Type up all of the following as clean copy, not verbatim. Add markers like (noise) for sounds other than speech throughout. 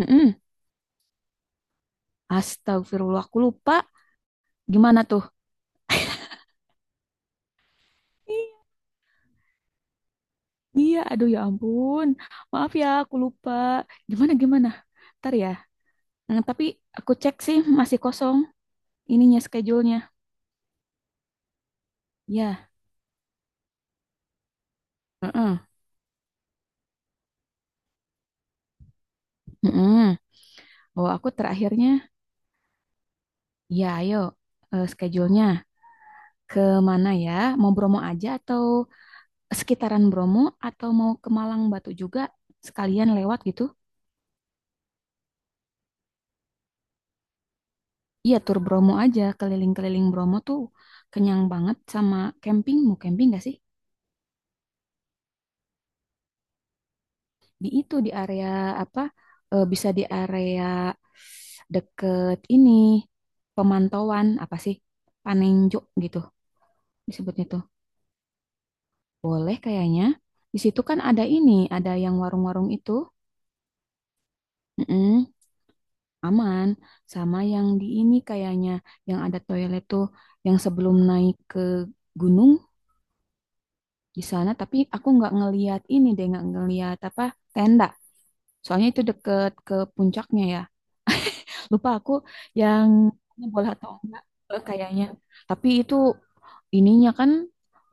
Mm-mm. Astagfirullah, aku lupa. Gimana tuh? Ih, iya, aduh ya ampun. Maaf ya, aku lupa. Gimana, gimana? Ntar ya. Tapi aku cek sih masih kosong ininya schedule-nya. Ya, heeh. Heeh. Oh, aku terakhirnya. Ya, ayo schedule-nya ke mana ya? Mau Bromo aja atau sekitaran Bromo atau mau ke Malang Batu juga sekalian lewat gitu? Iya, tur Bromo aja, keliling-keliling Bromo tuh kenyang banget sama camping. Mau camping gak sih? Di itu, di area apa? Bisa di area deket ini, pemantauan, apa sih? Panenjuk gitu disebutnya tuh. Boleh kayaknya. Di situ kan ada ini, ada yang warung-warung itu. Mm-mm, aman. Sama yang di ini kayaknya, yang ada toilet tuh, yang sebelum naik ke gunung, di sana tapi aku nggak ngeliat ini deh nggak ngeliat apa tenda soalnya itu deket ke puncaknya ya lupa aku yang boleh atau enggak. Kayaknya tapi itu ininya kan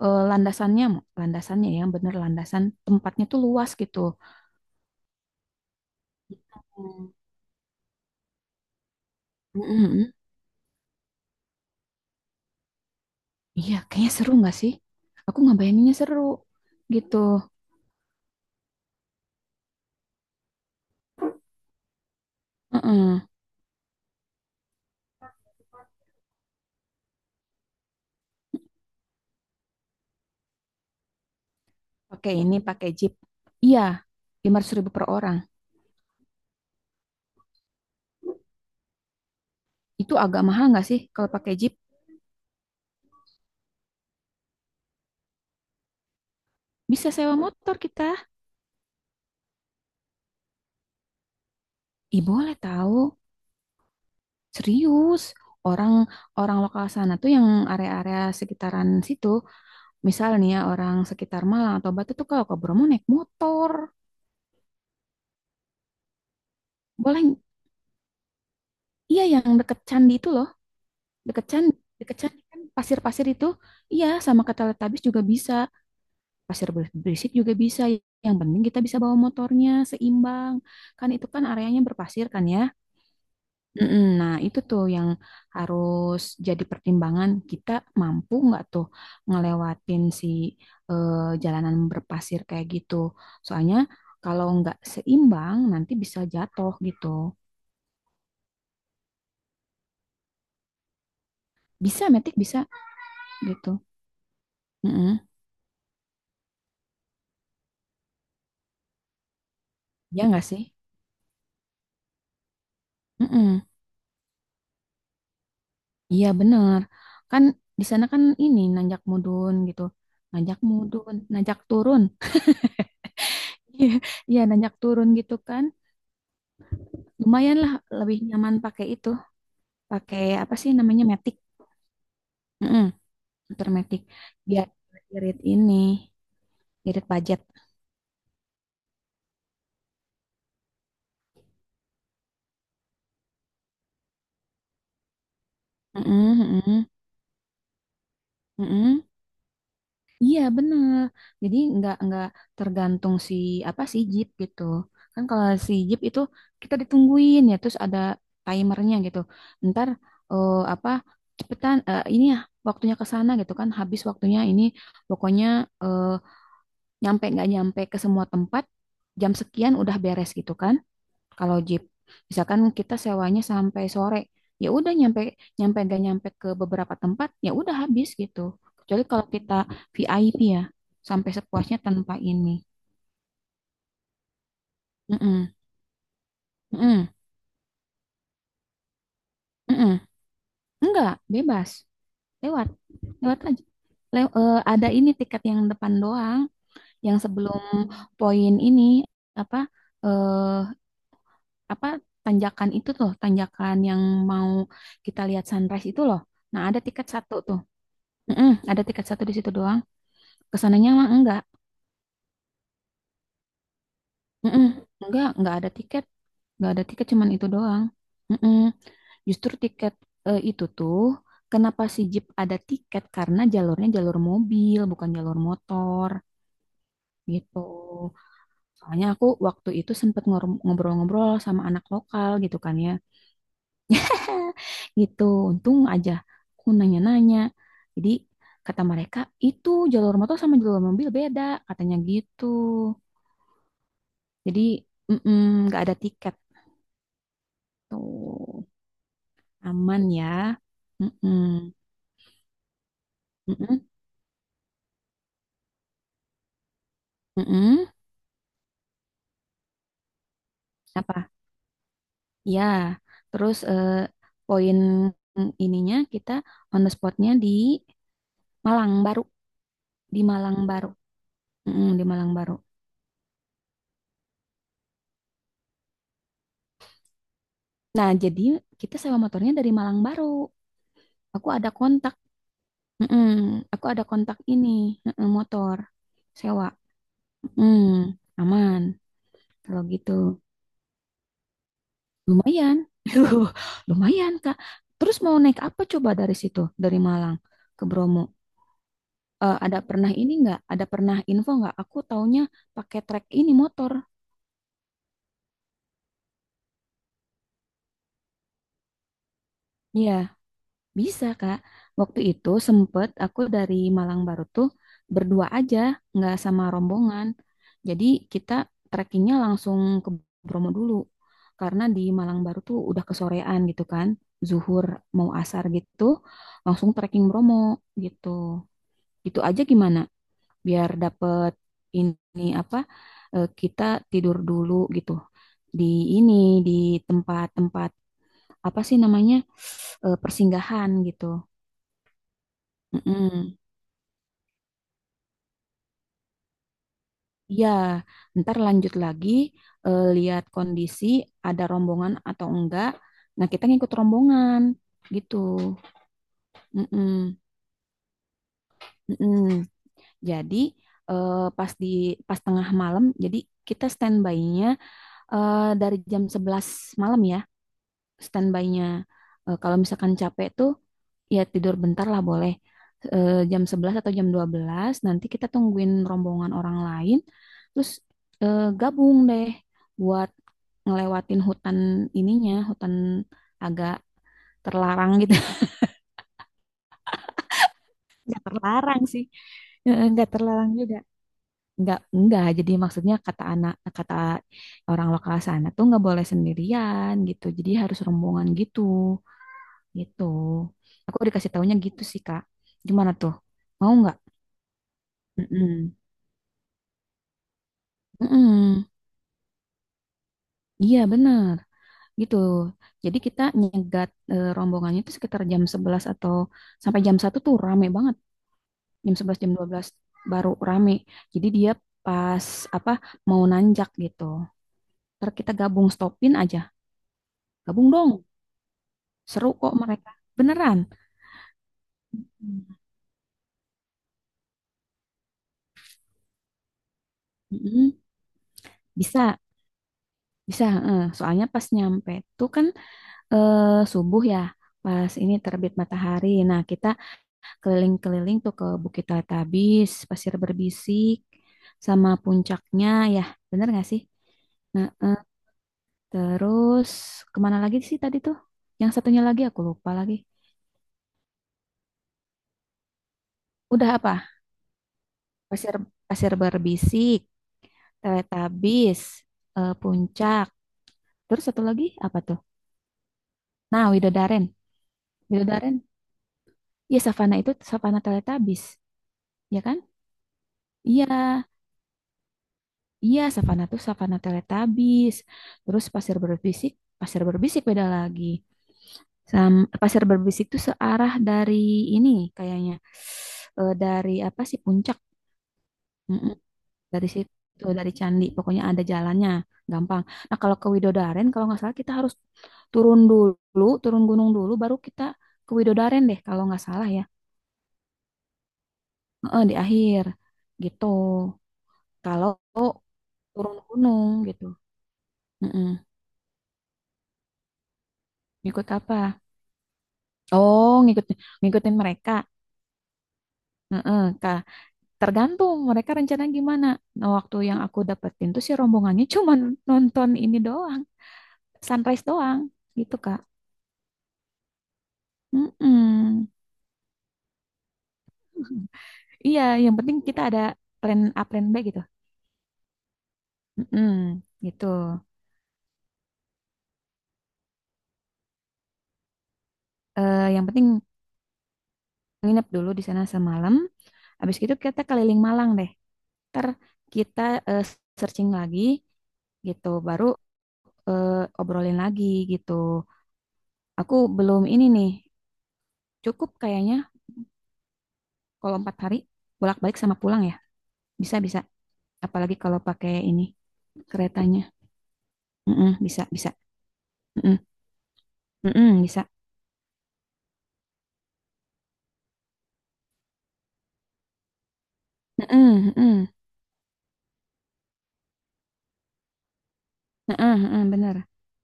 landasannya landasannya yang bener landasan tempatnya tuh luas gitu. Hmm. Mm-mm. Iya kayaknya seru nggak sih aku nggak bayanginnya seru gitu. Mm-mm. Pakai ini pakai jeep, iya, 500.000 per orang, itu agak mahal nggak sih kalau pakai jeep? Bisa sewa motor kita. Ih, boleh tahu. Serius. Orang orang lokal sana tuh yang area-area sekitaran situ, misal nih ya orang sekitar Malang atau Batu tuh kalau ke Bromo naik motor. Boleh. Iya, yang deket candi itu loh. Deket candi, deket candi kan pasir-pasir itu. Iya, sama ke Teletubbies juga bisa. Pasir berisik juga bisa. Yang penting kita bisa bawa motornya seimbang. Kan itu kan areanya berpasir kan ya. Mm-mm. Nah, itu tuh yang harus jadi pertimbangan kita, mampu nggak tuh ngelewatin si eh, jalanan berpasir kayak gitu. Soalnya kalau nggak seimbang nanti bisa jatuh gitu. Bisa, metik bisa gitu. Mm-mm. Ya nggak sih? Mm-mm. Iya bener. Kan di sana kan ini nanjak mudun gitu. Nanjak mudun, nanjak turun. (laughs) Iya, iya, nanjak turun gitu kan. Lumayan lah lebih nyaman pakai itu, pakai apa sih namanya, matic. Mm-mm, motor matic biar irit ini, irit budget. Mm-mm, mm-mm, mm-mm. Iya bener, jadi nggak tergantung si apa si Jeep gitu kan. Kalau si Jeep itu kita ditungguin ya, terus ada timernya gitu, ntar apa, cepetan, ini ya, waktunya ke sana gitu kan, habis waktunya ini pokoknya, eh, nyampe nggak nyampe ke semua tempat, jam sekian udah beres gitu kan. Kalau jeep, misalkan kita sewanya sampai sore, ya udah nyampe nyampe gak nyampe ke beberapa tempat, ya udah habis gitu. Kecuali kalau kita VIP ya, sampai sepuasnya tanpa ini. Mm-mm, mm-mm, mm-mm. Enggak, bebas. Lewat, lewat aja. Ada ini tiket yang depan doang, yang sebelum poin ini apa eh apa tanjakan itu tuh, tanjakan yang mau kita lihat sunrise itu loh. Nah, ada tiket satu tuh. Mm-mm, ada tiket satu di situ doang. Kesananya mah enggak. Mm-mm, enggak ada tiket. Enggak ada tiket cuman itu doang. Mm-mm. Justru tiket itu tuh kenapa si Jeep ada tiket karena jalurnya jalur mobil bukan jalur motor gitu. Soalnya aku waktu itu sempet ngobrol-ngobrol sama anak lokal gitu kan ya. (laughs) Gitu. Untung aja aku nanya-nanya. Jadi kata mereka itu jalur motor sama jalur mobil beda katanya gitu. Jadi mm-mm, nggak ada tiket tuh, aman ya. Mm-mm. Mm-mm. Mm-mm. Apa? Ya. Terus poin ininya kita on the spotnya Malang Baru, di Malang Baru, mm-mm, di Malang Baru. Nah, jadi kita sewa motornya dari Malang Baru. Aku ada kontak. Mm-mm. Aku ada kontak ini, mm-mm, motor sewa. Mm, aman kalau gitu. Lumayan. (laughs) Lumayan, Kak. Terus mau naik apa coba dari situ, dari Malang ke Bromo? Eh, ada pernah ini nggak? Ada pernah info nggak? Aku taunya pakai trek ini motor. Iya, bisa, Kak. Waktu itu sempet aku dari Malang Baru tuh berdua aja, nggak sama rombongan. Jadi kita trekkingnya langsung ke Bromo dulu. Karena di Malang Baru tuh udah kesorean gitu kan. Zuhur mau asar gitu, langsung trekking Bromo gitu. Gitu aja gimana? Biar dapet ini apa? Kita tidur dulu gitu di ini, di tempat-tempat apa sih namanya, persinggahan gitu. Mm-mm. Iya, ntar lanjut lagi, lihat kondisi ada rombongan atau enggak. Nah, kita ngikut rombongan gitu. Mm-mm. Mm-mm. Jadi pas di pas tengah malam, jadi kita standby-nya dari jam 11 malam ya. Standby-nya. Eh, kalau misalkan capek tuh ya tidur bentar lah boleh. Eh, jam 11 atau jam 12 nanti kita tungguin rombongan orang lain, terus gabung deh buat ngelewatin hutan ininya, hutan agak terlarang gitu. (laughs) Nggak terlarang sih. Eh, nggak terlarang juga. Nggak, nggak. Jadi maksudnya kata anak, kata orang lokal sana tuh nggak boleh sendirian gitu. Jadi harus rombongan gitu. Gitu. Aku dikasih taunya gitu sih, Kak. Gimana tuh? Mau nggak? Mm-mm. Mm-mm. Iya, benar. Gitu. Jadi kita nyegat rombongannya itu sekitar jam 11 atau sampai jam 1 tuh rame banget. Jam 11 jam 12 baru rame. Jadi dia pas apa mau nanjak gitu. Ntar kita gabung stopin aja. Gabung dong. Seru kok mereka. Beneran. Hmm. Mm-mm. Bisa, bisa. Eh. Soalnya pas nyampe tuh kan subuh ya, pas ini terbit matahari. Nah, kita keliling-keliling tuh ke Bukit Teletubbies, Pasir Berbisik, sama puncaknya ya, bener gak sih? Nah, terus kemana lagi sih tadi tuh? Yang satunya lagi aku lupa lagi. Udah apa? Pasir Pasir Berbisik, Teletubbies, puncak. Terus satu lagi apa tuh? Nah, Widodaren. Widodaren. Iya, savana itu savana Teletubbies, ya kan? Iya, iya, savana tuh savana teletabis. Terus pasir berbisik beda lagi. Pasir berbisik tuh searah dari ini kayaknya. Eh, dari apa sih puncak? Mm-mm. Dari situ, dari Candi. Pokoknya ada jalannya, gampang. Nah, kalau ke Widodaren, kalau nggak salah kita harus turun dulu, turun gunung dulu, baru kita ke Widodaren deh, kalau nggak salah ya. Heeh, di akhir, gitu. Kalau turun gunung gitu. Mm-mm. Ikut apa? Oh, ngikutin ngikutin mereka. Heeh, Kak. Tergantung mereka rencana gimana. Nah, waktu yang aku dapetin tuh si rombongannya cuma nonton ini doang, sunrise doang, gitu Kak. Mm-mm. (laughs) Iya, yang penting kita ada plan A, plan B gitu. Mm-mm, gitu. Eh, yang penting nginep dulu di sana semalam. Habis itu kita keliling Malang deh. Ntar kita eh, searching lagi gitu, baru obrolin lagi gitu. Aku belum ini nih. Cukup kayaknya kalau 4 hari bolak-balik sama pulang ya. Bisa bisa. Apalagi kalau pakai ini keretanya. Mm-mm, bisa bisa. Mm-mm, mm-mm, bisa. Mm-mm, mm-mm, mm-mm, mm-mm, bener.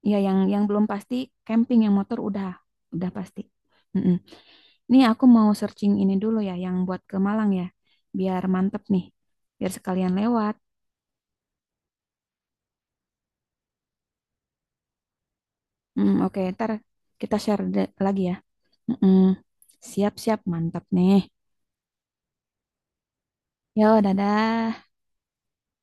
Iya yang belum pasti camping, yang motor udah pasti. Mm-mm. Ini aku mau searching ini dulu ya yang buat ke Malang ya. Biar mantep nih. Biar sekalian lewat. Mm, oke, ntar kita lagi ya. Mm-mm. Siap-siap, mantap nih. Yo, dadah.